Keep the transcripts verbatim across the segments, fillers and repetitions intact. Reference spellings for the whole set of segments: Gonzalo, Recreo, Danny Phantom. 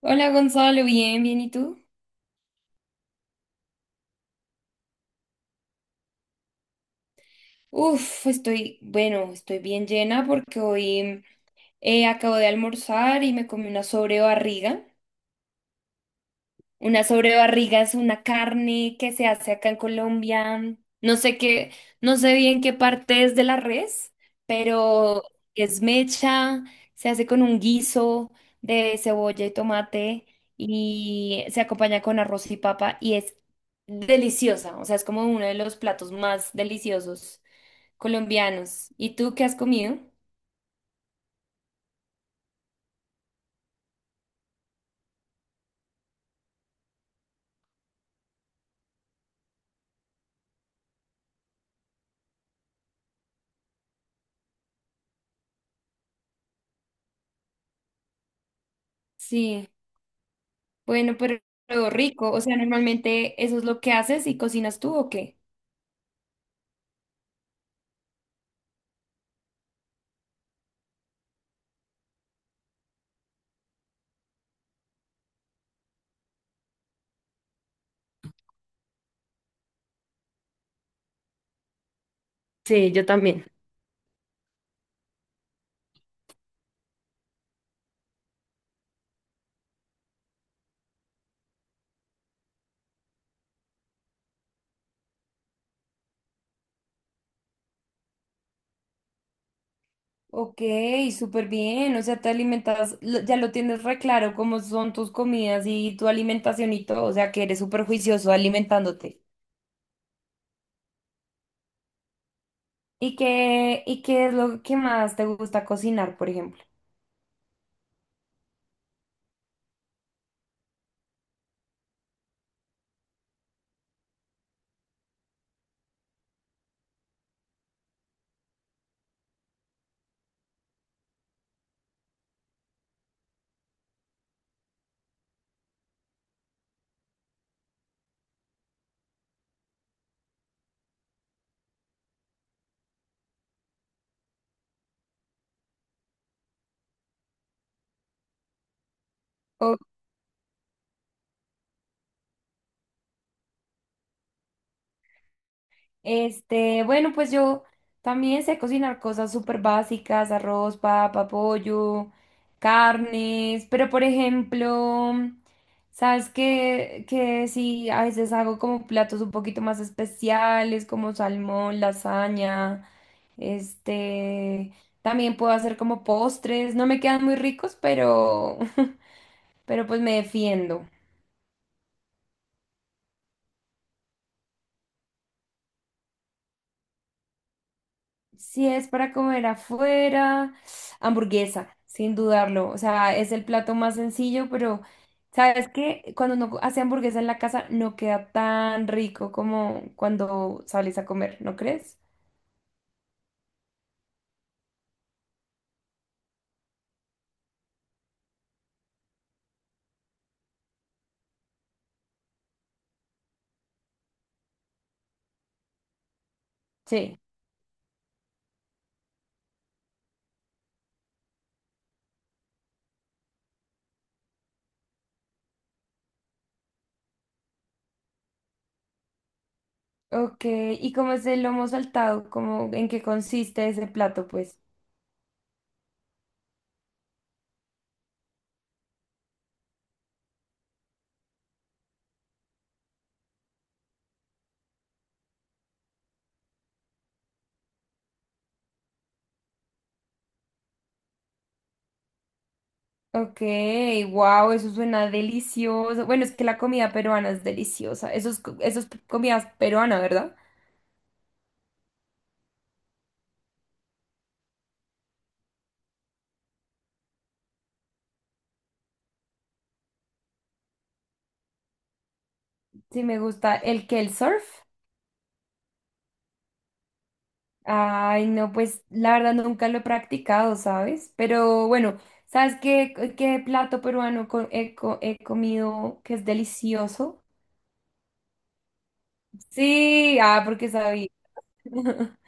Hola Gonzalo, bien, bien, ¿y tú? Uf, estoy, bueno, estoy bien llena porque hoy eh, acabo de almorzar y me comí una sobrebarriga. Una sobrebarriga es una carne que se hace acá en Colombia. No sé qué, no sé bien qué parte es de la res, pero es mecha, se hace con un guiso de cebolla y tomate y se acompaña con arroz y papa y es deliciosa, o sea, es como uno de los platos más deliciosos colombianos. ¿Y tú qué has comido? Sí, bueno, pero, pero rico. O sea, normalmente, ¿eso es lo que haces y cocinas tú o qué? Sí, yo también. Ok, súper bien. O sea, te alimentas, lo- ya lo tienes re claro cómo son tus comidas y tu alimentación y todo. O sea, que eres súper juicioso alimentándote. ¿Y qué, y qué es lo que más te gusta cocinar, por ejemplo? Este, bueno, pues yo también sé cocinar cosas súper básicas, arroz, papa, pollo, carnes, pero por ejemplo, sabes que, que sí, a veces hago como platos un poquito más especiales, como salmón, lasaña, este, también puedo hacer como postres, no me quedan muy ricos, pero, pero pues me defiendo. Si es para comer afuera, hamburguesa, sin dudarlo. O sea, es el plato más sencillo, pero sabes que cuando uno hace hamburguesa en la casa no queda tan rico como cuando sales a comer, ¿no crees? Sí. Ok, ¿y cómo es el lomo saltado? ¿Cómo, en qué consiste ese plato, pues? Ok, wow, eso suena delicioso. Bueno, es que la comida peruana es deliciosa. Eso es, co- eso es comida peruana, ¿verdad? Sí, me gusta. El que el surf. Ay, no, pues la verdad nunca lo he practicado, ¿sabes? Pero bueno, ¿sabes qué, qué plato peruano co- he, co- he comido que es delicioso? Sí, ah, porque sabía.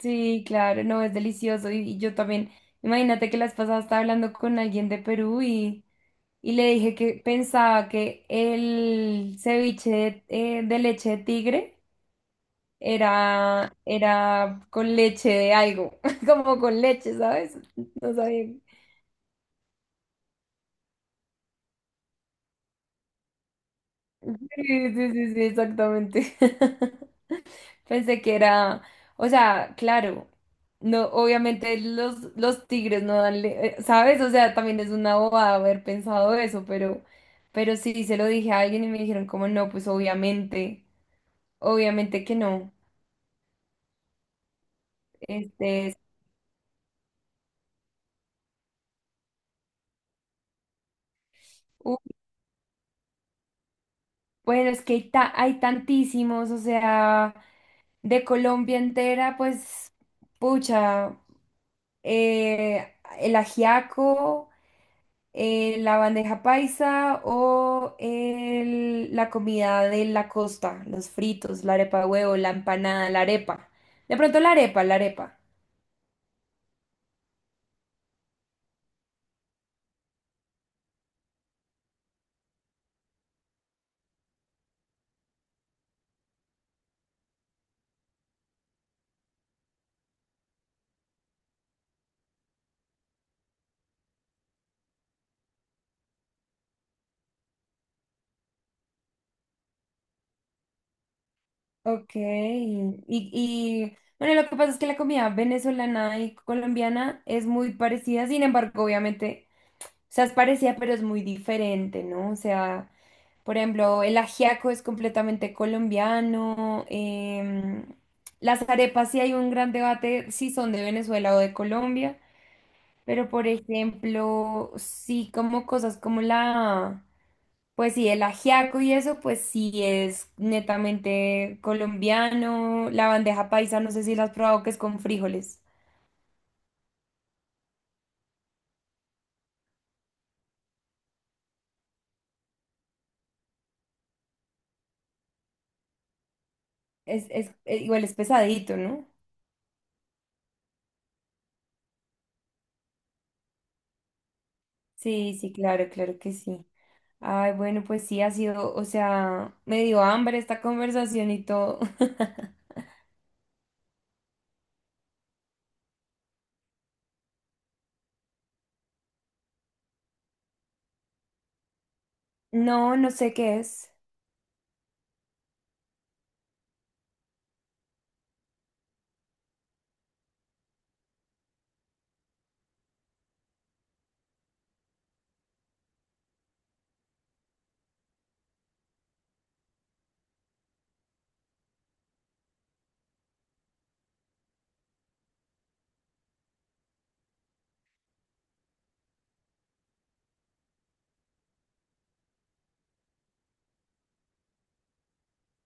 Sí, claro, no, es delicioso. Y, y yo también, imagínate que las pasadas estaba hablando con alguien de Perú y, y le dije que pensaba que el ceviche de eh, de leche de tigre era, era con leche de algo, como con leche, ¿sabes? No sabía. Sí, sí, sí, sí, exactamente. Pensé que era, o sea, claro, no, obviamente los, los tigres no dan, le- eh, ¿sabes? O sea, también es una bobada haber pensado eso, pero, pero sí, se lo dije a alguien y me dijeron como no, pues obviamente, obviamente que no. Este, es- u- bueno, es que hay, ta- hay tantísimos, o sea... De Colombia entera, pues, pucha, eh, el ajiaco, eh, la bandeja paisa o el- la comida de la costa, los fritos, la arepa de huevo, la empanada, la arepa. De pronto la arepa, la arepa. Ok. Y, y bueno, lo que pasa es que la comida venezolana y colombiana es muy parecida, sin embargo, obviamente, o sea, es parecida, pero es muy diferente, ¿no? O sea... Por ejemplo, el ajiaco es completamente colombiano. Em, las arepas sí, hay un gran debate si son de Venezuela o de Colombia. Pero, por ejemplo, sí como cosas como la, pues sí, el ajiaco y eso, pues sí es netamente colombiano. La bandeja paisa, no sé si la has probado, que es con frijoles. Es, es, eh, igual es pesadito, ¿no? Sí, sí, claro, claro que sí. Ay, bueno, pues sí, ha sido, o sea, me dio hambre esta conversación y todo. No, no sé qué es.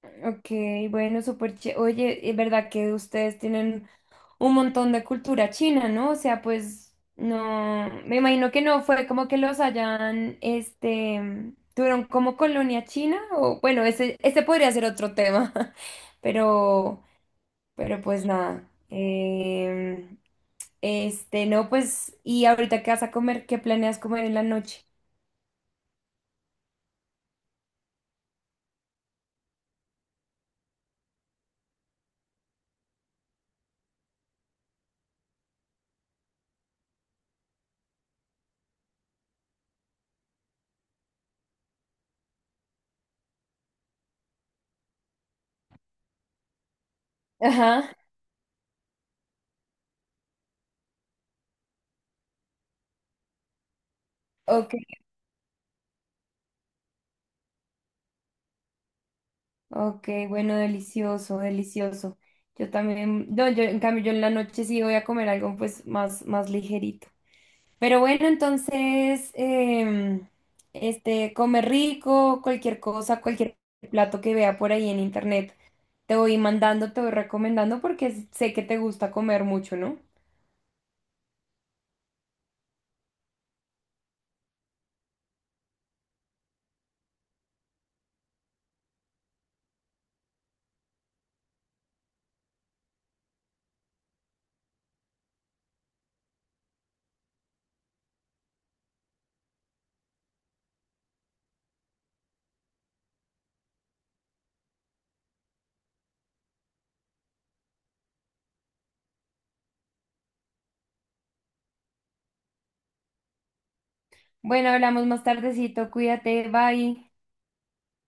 Ok, bueno, súper ché- oye, es verdad que ustedes tienen un montón de cultura china, ¿no? O sea, pues no, me imagino que no fue como que los hayan, este, tuvieron como colonia china o bueno, ese, ese podría ser otro tema, pero, pero pues nada. Em, Este, no, pues, ¿y ahorita qué vas a comer? ¿Qué planeas comer en la noche? Ajá, ok, ok, bueno, delicioso, delicioso. Yo también, no, yo en cambio yo en la noche sí voy a comer algo pues más, más ligerito. Pero bueno, entonces, em, este, come rico, cualquier cosa, cualquier plato que vea por ahí en internet, te voy mandando, te voy recomendando porque sé que te gusta comer mucho, ¿no? Bueno, hablamos más tardecito, cuídate, bye.